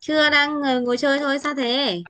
Chưa, đang ngồi chơi thôi. Sao thế?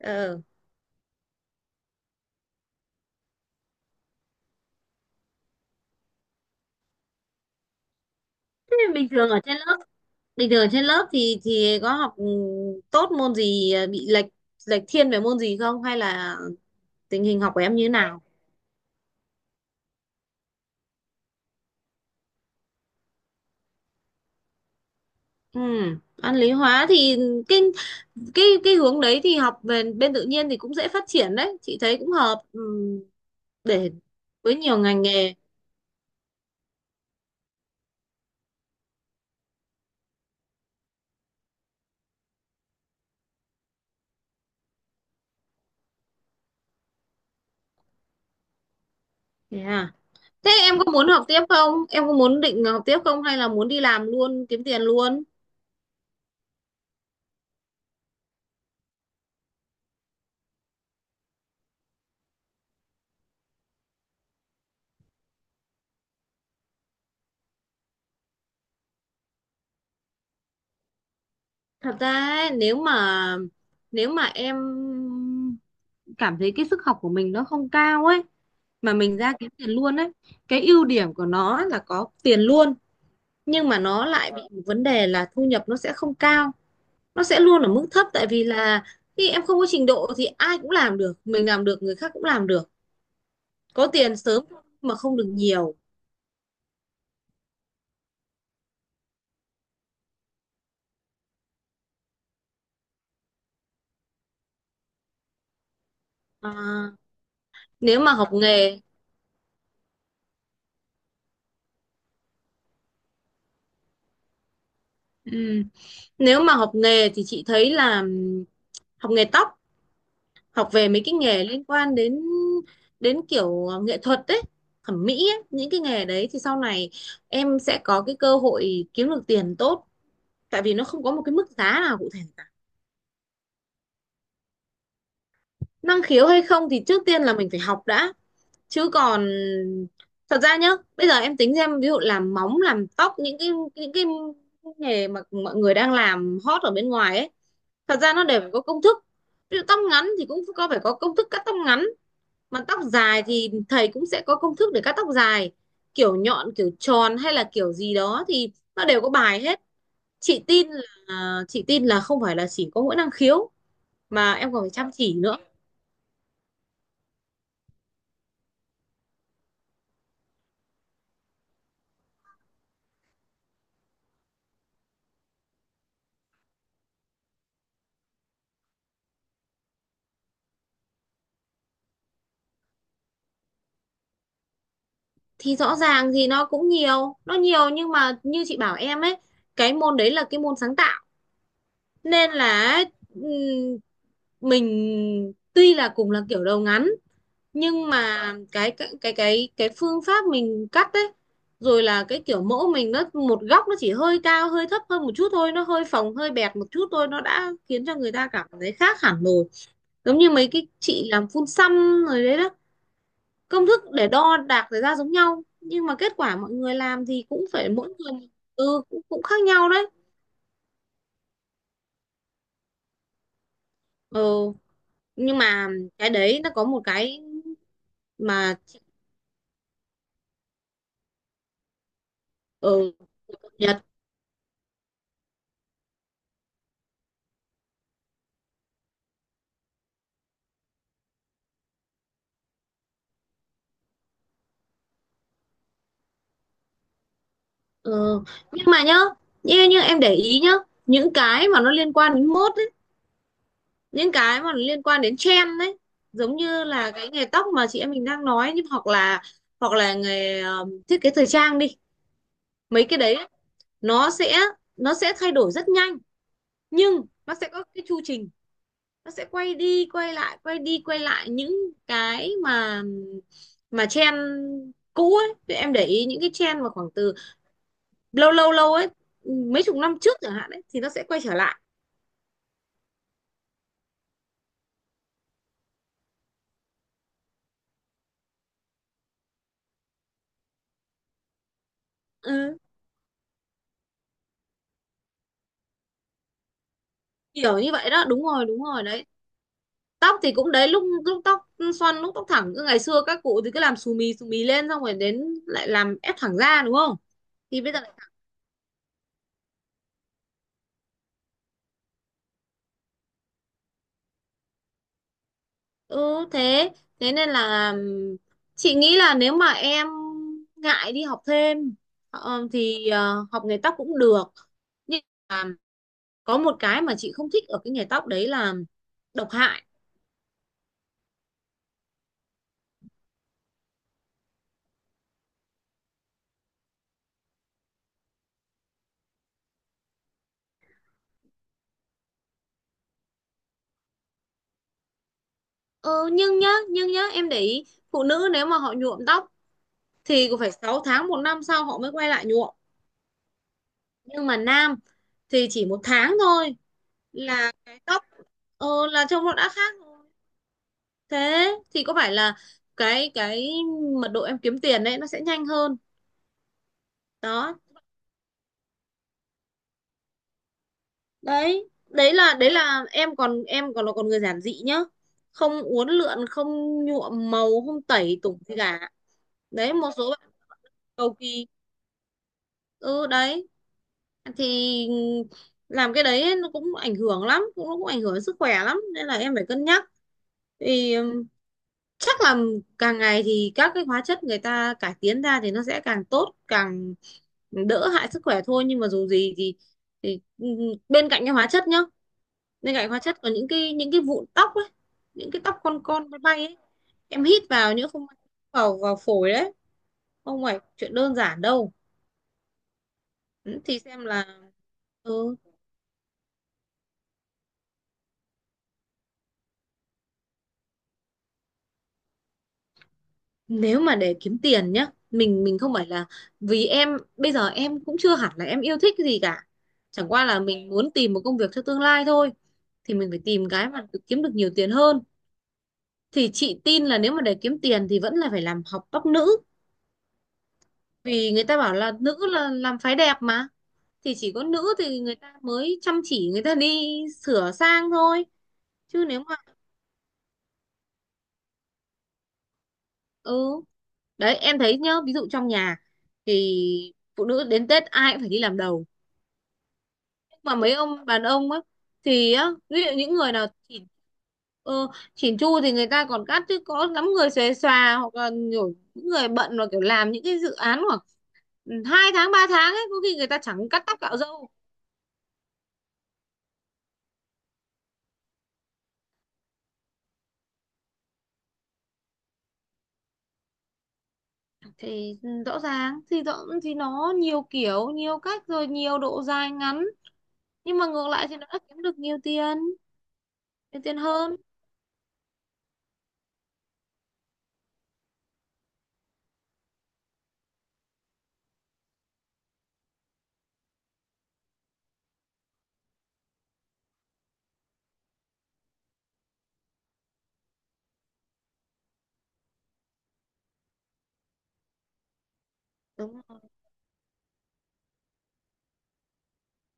ờ Thế bình thường ở trên lớp bình thường ở trên lớp thì có học, tốt môn gì, bị lệch lệch thiên về môn gì không, hay là tình hình học của em như thế nào? Ừ, văn lý hóa thì cái cái hướng đấy thì học về bên tự nhiên thì cũng dễ phát triển đấy, chị thấy cũng hợp, để với nhiều ngành nghề. Thế à? Thế em có muốn học tiếp không em có muốn định học tiếp không, hay là muốn đi làm luôn kiếm tiền luôn? Thật ra ấy, nếu mà em cảm thấy cái sức học của mình nó không cao ấy, mà mình ra kiếm tiền luôn ấy, cái ưu điểm của nó là có tiền luôn, nhưng mà nó lại bị một vấn đề là thu nhập nó sẽ không cao, nó sẽ luôn ở mức thấp. Tại vì là khi em không có trình độ thì ai cũng làm được, mình làm được người khác cũng làm được. Có tiền sớm mà không được nhiều. À, nếu mà học nghề ừ, nếu mà học nghề thì chị thấy là, học nghề tóc, học về mấy cái nghề liên quan đến đến kiểu nghệ thuật đấy, thẩm mỹ ấy. Những cái nghề đấy thì sau này em sẽ có cái cơ hội kiếm được tiền tốt, tại vì nó không có một cái mức giá nào cụ thể cả. Năng khiếu hay không thì trước tiên là mình phải học đã. Chứ còn, thật ra nhá, bây giờ em tính xem, ví dụ làm móng làm tóc, những cái nghề mà mọi người đang làm hot ở bên ngoài ấy, thật ra nó đều phải có công thức. Ví dụ tóc ngắn thì cũng có phải có công thức cắt tóc ngắn. Mà tóc dài thì thầy cũng sẽ có công thức để cắt tóc dài, kiểu nhọn kiểu tròn hay là kiểu gì đó, thì nó đều có bài hết. chị tin chị tin là không phải là chỉ có mỗi năng khiếu, mà em còn phải chăm chỉ nữa. Thì rõ ràng thì nó nhiều, nhưng mà như chị bảo em ấy, cái môn đấy là cái môn sáng tạo, nên là ừm, mình tuy là cùng là kiểu đầu ngắn, nhưng mà cái phương pháp mình cắt ấy, rồi là cái kiểu mẫu mình, nó một góc nó chỉ hơi cao hơi thấp hơn một chút thôi, nó hơi phồng hơi bẹt một chút thôi, nó đã khiến cho người ta cảm thấy khác hẳn rồi. Giống như mấy cái chị làm phun xăm rồi đấy đó, công thức để đo đạc ra ra giống nhau, nhưng mà kết quả mọi người làm thì cũng phải mỗi người, cũng khác nhau đấy. Ừ, nhưng mà cái đấy nó có một cái mà ở ừ, Ừ. Nhưng mà nhá, như em để ý nhá, những cái mà nó liên quan đến mốt ấy, những cái mà nó liên quan đến trend đấy, giống như là cái nghề tóc mà chị em mình đang nói, nhưng hoặc là, nghề thiết kế thời trang đi, mấy cái đấy ấy, nó sẽ nó sẽ thay đổi rất nhanh, nhưng nó sẽ có cái chu trình, nó sẽ quay đi quay lại quay đi quay lại những cái mà trend cũ ấy. Thì em để ý những cái trend mà khoảng từ lâu lâu lâu ấy, mấy chục năm trước chẳng hạn ấy, thì nó sẽ quay trở lại. Ừ, kiểu như vậy đó, đúng rồi, đúng rồi đấy. Tóc thì cũng đấy, lúc lúc tóc xoăn lúc tóc thẳng, cứ ngày xưa các cụ thì cứ làm xù mì lên, xong rồi đến lại làm ép thẳng ra, đúng không? Thì bây giờ lại- ừ thế thế nên là, chị nghĩ là nếu mà em ngại đi học thêm, thì học nghề tóc cũng được. Nhưng mà có một cái mà chị không thích ở cái nghề tóc đấy là độc hại. Ờ, nhưng nhá, em để ý, phụ nữ nếu mà họ nhuộm tóc thì cũng phải 6 tháng một năm sau họ mới quay lại nhuộm. Nhưng mà nam thì chỉ một tháng thôi là cái tóc, là trông nó đã khác. Thế thì có phải là cái mật độ em kiếm tiền đấy nó sẽ nhanh hơn. Đó. Đấy, đấy là em còn là người giản dị nhá. Không uốn lượn, không nhuộm màu, không tẩy tủng gì cả. Đấy một số bạn cầu kỳ. Ừ, đấy thì làm cái đấy nó cũng ảnh hưởng lắm, nó cũng ảnh hưởng đến sức khỏe lắm, nên là em phải cân nhắc. Thì chắc là càng ngày thì các cái hóa chất người ta cải tiến ra thì nó sẽ càng tốt càng đỡ hại sức khỏe thôi, nhưng mà dù gì thì thì ừm, bên cạnh cái hóa chất nhá bên cạnh hóa chất có những cái vụn tóc ấy, những cái tóc con bay bay ấy, em hít vào nhỡ không may vào vào phổi đấy, không phải chuyện đơn giản đâu. Ừ, thì xem là, ừ, nếu mà để kiếm tiền nhá, mình không phải là, vì em bây giờ em cũng chưa hẳn là em yêu thích cái gì cả, chẳng qua là mình muốn tìm một công việc cho tương lai thôi, thì mình phải tìm cái mà kiếm được nhiều tiền hơn. Thì chị tin là nếu mà để kiếm tiền thì vẫn là phải làm học tóc nữ, vì người ta bảo là nữ là làm phái đẹp mà. Thì chỉ có nữ thì người ta mới chăm chỉ, người ta đi sửa sang thôi. Chứ nếu mà, ừ đấy em thấy nhá, ví dụ trong nhà thì phụ nữ đến Tết ai cũng phải đi làm đầu. Mà mấy ông đàn ông á, thì á, ví dụ những người nào ờ, chỉn chu thì người ta còn cắt, chứ có lắm người xuề xòa, hoặc là nhiều những người bận và kiểu làm những cái dự án khoảng 2 tháng 3 tháng ấy, có khi người ta chẳng cắt tóc cạo râu. Thì rõ ràng thì rõ thì nó nhiều kiểu nhiều cách rồi nhiều độ dài ngắn, nhưng mà ngược lại thì nó đã kiếm được nhiều tiền hơn. Đúng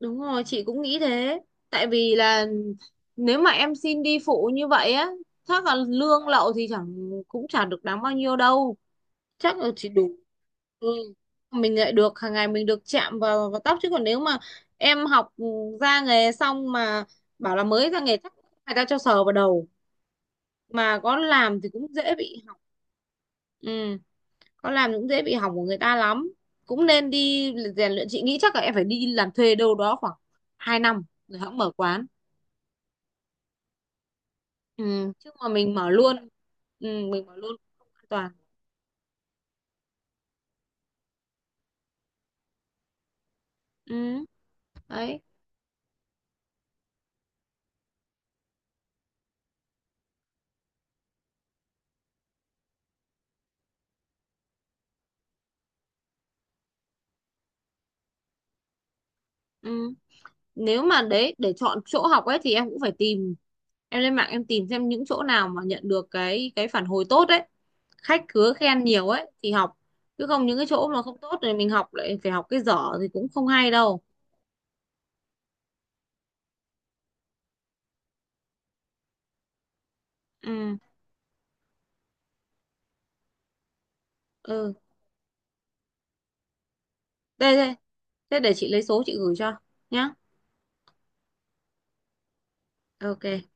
Đúng rồi, chị cũng nghĩ thế. Tại vì là nếu mà em xin đi phụ như vậy á, chắc là lương lậu thì chẳng cũng chẳng được đáng bao nhiêu đâu. Chắc là chỉ đủ. Ừ. Mình lại được hàng ngày mình được chạm vào vào tóc, chứ còn nếu mà em học ra nghề xong mà bảo là mới ra nghề, chắc người ta cho sờ vào đầu mà có làm thì cũng dễ bị hỏng. Ừ, con làm cũng dễ bị hỏng của người ta lắm, cũng nên đi rèn luyện, chị nghĩ chắc là em phải đi làm thuê đâu đó khoảng 2 năm rồi hẵng mở quán. Ừ. chứ mà mình mở luôn ừ, Mình mở luôn không an toàn. Ừ. Đấy. Ừ. Nếu mà đấy, để chọn chỗ học ấy thì em cũng phải tìm, em lên mạng em tìm xem những chỗ nào mà nhận được cái phản hồi tốt ấy, khách khứa khen nhiều ấy thì học, chứ không những cái chỗ mà không tốt thì mình học lại phải học cái dở thì cũng không hay đâu. Ừ, ừ. Đây, đây. Thế để chị lấy số chị gửi cho nhá. Ok.